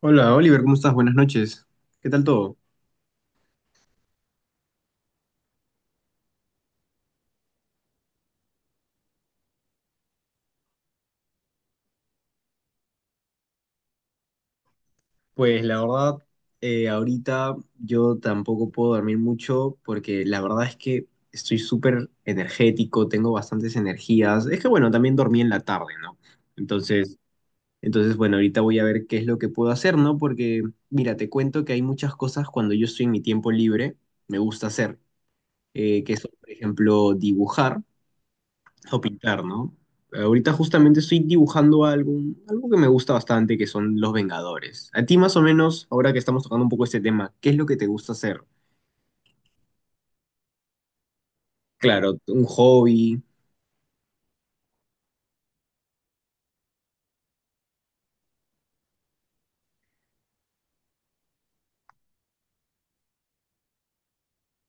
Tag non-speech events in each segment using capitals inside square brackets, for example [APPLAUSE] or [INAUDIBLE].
Hola Oliver, ¿cómo estás? Buenas noches. ¿Qué tal todo? Pues la verdad, ahorita yo tampoco puedo dormir mucho porque la verdad es que estoy súper energético, tengo bastantes energías. Es que bueno, también dormí en la tarde, ¿no? Entonces, entonces bueno, ahorita voy a ver qué es lo que puedo hacer, ¿no? Porque mira, te cuento que hay muchas cosas cuando yo estoy en mi tiempo libre, me gusta hacer, que son, por ejemplo, dibujar. O pintar, ¿no? Ahorita justamente estoy dibujando algo, algo que me gusta bastante, que son los Vengadores. A ti más o menos, ahora que estamos tocando un poco este tema, ¿qué es lo que te gusta hacer? Claro, un hobby.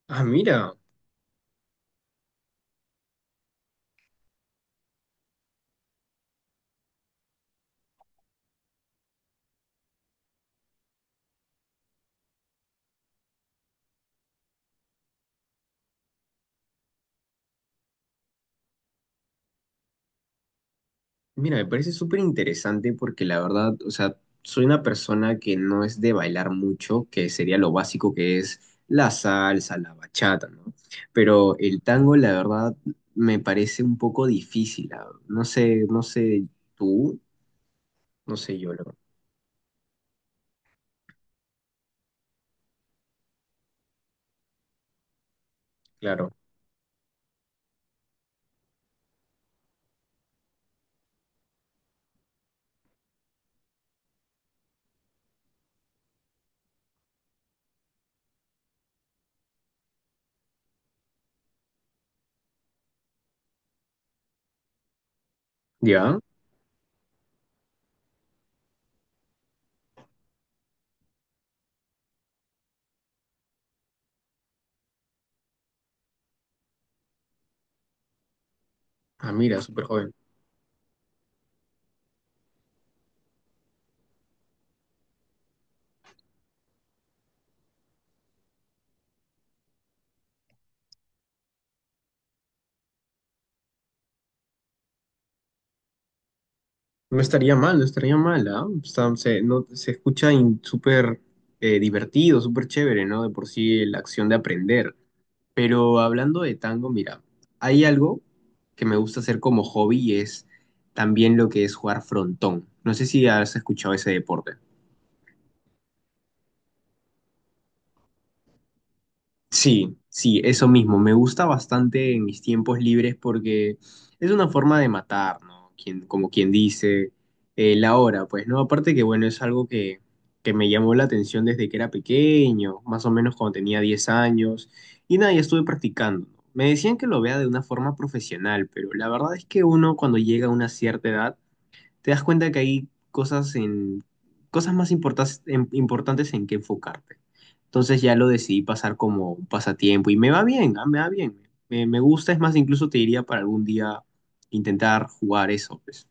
Ah, mira, mira, me parece súper interesante porque la verdad, o sea, soy una persona que no es de bailar mucho, que sería lo básico que es la salsa, la bachata, ¿no? Pero el tango, la verdad, me parece un poco difícil. No sé, no sé tú, no sé yo, la verdad. Claro. Ya, mira, súper joven. No estaría mal, no estaría mal, ¿ah? O sea, se, no, se escucha súper divertido, súper chévere, ¿no? De por sí la acción de aprender. Pero hablando de tango, mira, hay algo que me gusta hacer como hobby y es también lo que es jugar frontón. No sé si has escuchado ese deporte. Sí, sí, eso mismo. Me gusta bastante en mis tiempos libres porque es una forma de matar, ¿no? Quien, como quien dice, la hora, pues, ¿no? Aparte que, bueno, es algo que me llamó la atención desde que era pequeño, más o menos cuando tenía 10 años, y nada, ya estuve practicando. ¿No? Me decían que lo vea de una forma profesional, pero la verdad es que uno cuando llega a una cierta edad, te das cuenta que hay cosas en cosas importantes en que enfocarte. Entonces ya lo decidí pasar como un pasatiempo y me va bien, ah, me va bien. Me gusta, es más, incluso te diría para algún día intentar jugar eso, pues.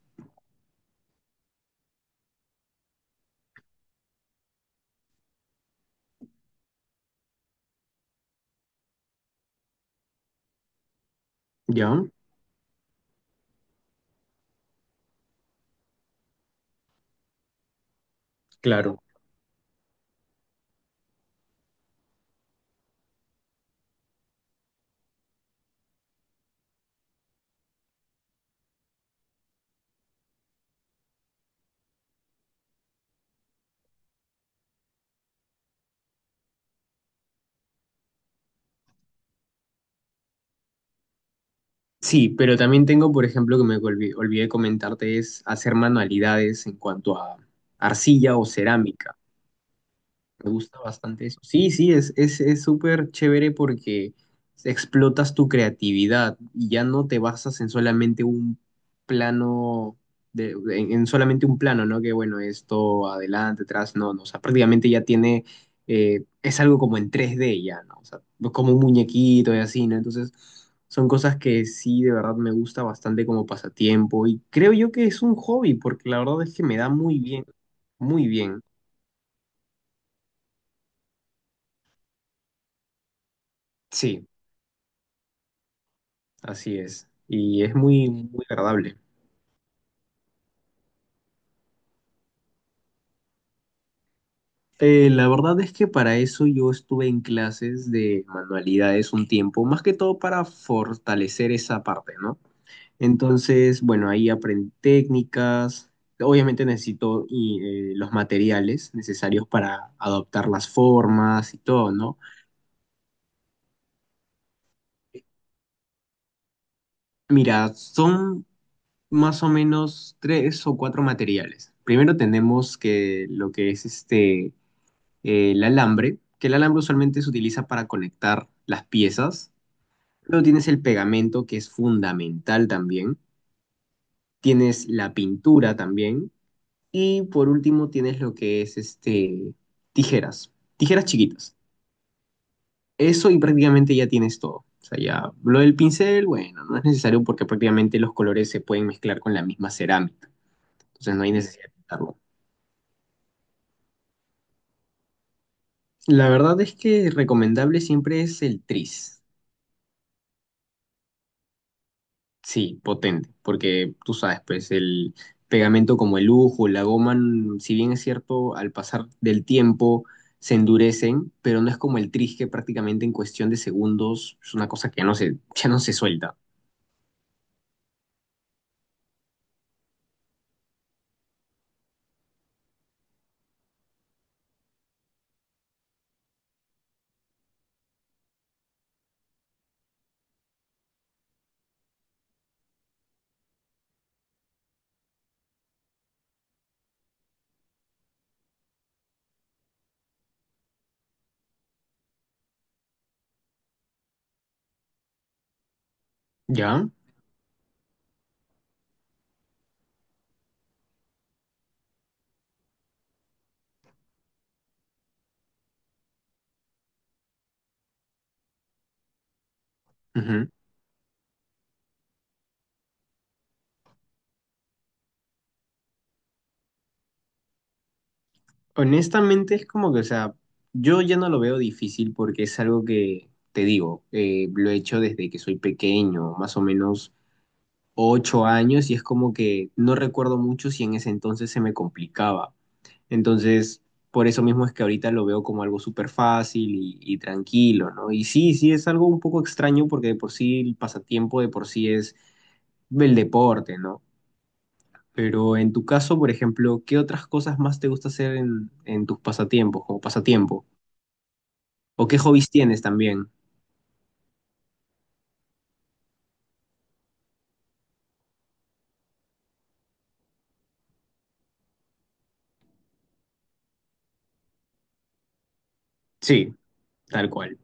¿Ya? Claro. Sí, pero también tengo, por ejemplo, que olvidé, comentarte, es hacer manualidades en cuanto a arcilla o cerámica. Me gusta bastante eso. Sí, sí, es súper chévere porque explotas tu creatividad y ya no te basas en solamente un plano, de, en solamente un plano, ¿no? Que bueno, esto adelante, atrás, no, no. O sea, prácticamente ya tiene, es algo como en 3D ya, ¿no? O sea, como un muñequito y así, ¿no? Entonces, son cosas que sí, de verdad me gusta bastante como pasatiempo y creo yo que es un hobby porque la verdad es que me da muy bien, muy bien. Sí. Así es, y es muy, muy agradable. La verdad es que para eso yo estuve en clases de manualidades un tiempo, más que todo para fortalecer esa parte, ¿no? Entonces, bueno, ahí aprendí técnicas, obviamente necesito y, los materiales necesarios para adoptar las formas y todo, ¿no? Mira, son más o menos tres o cuatro materiales. Primero tenemos que lo que es este el alambre, que el alambre usualmente se utiliza para conectar las piezas. Luego tienes el pegamento, que es fundamental también. Tienes la pintura también. Y por último tienes lo que es este, tijeras, tijeras chiquitas. Eso y prácticamente ya tienes todo. O sea, ya lo del pincel, bueno, no es necesario porque prácticamente los colores se pueden mezclar con la misma cerámica. Entonces no hay necesidad de pintarlo. La verdad es que recomendable siempre es el tris. Sí, potente, porque tú sabes, pues el pegamento como el lujo, la goma, si bien es cierto, al pasar del tiempo se endurecen, pero no es como el tris que prácticamente en cuestión de segundos es una cosa que no se, [LAUGHS] ya no se suelta, ¿ya? Ujú. Honestamente es como que, o sea, yo ya no lo veo difícil porque es algo que, te digo, lo he hecho desde que soy pequeño, más o menos 8 años, y es como que no recuerdo mucho si en ese entonces se me complicaba. Entonces, por eso mismo es que ahorita lo veo como algo súper fácil y tranquilo, ¿no? Y sí, sí, es algo un poco extraño porque de por sí el pasatiempo de por sí es el deporte, ¿no? Pero en tu caso, por ejemplo, ¿qué otras cosas más te gusta hacer en tus pasatiempos, como pasatiempo? ¿O qué hobbies tienes también? Sí, tal cual.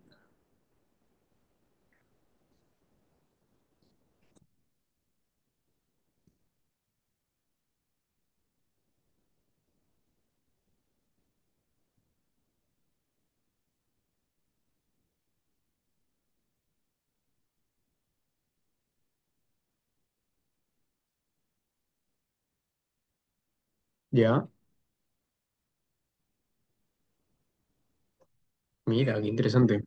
Ya, mira, qué interesante.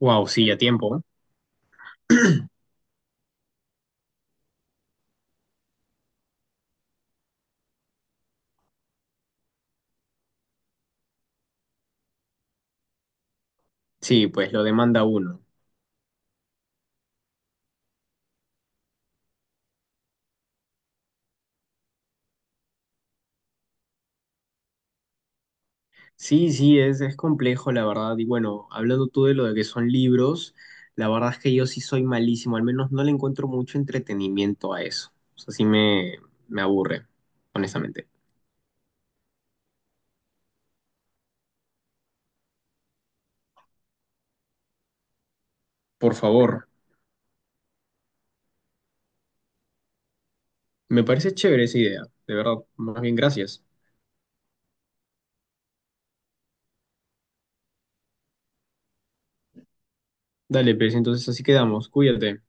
Wow, sí, a tiempo. Sí, pues lo demanda uno. Sí, sí, es complejo, la verdad. Y bueno, hablando tú de lo de que son libros, la verdad es que yo sí soy malísimo, al menos no le encuentro mucho entretenimiento a eso. O sea, sí me aburre, honestamente. Por favor, me parece chévere esa idea, de verdad. Más bien, gracias. Dale, pues entonces así quedamos. Cuídate.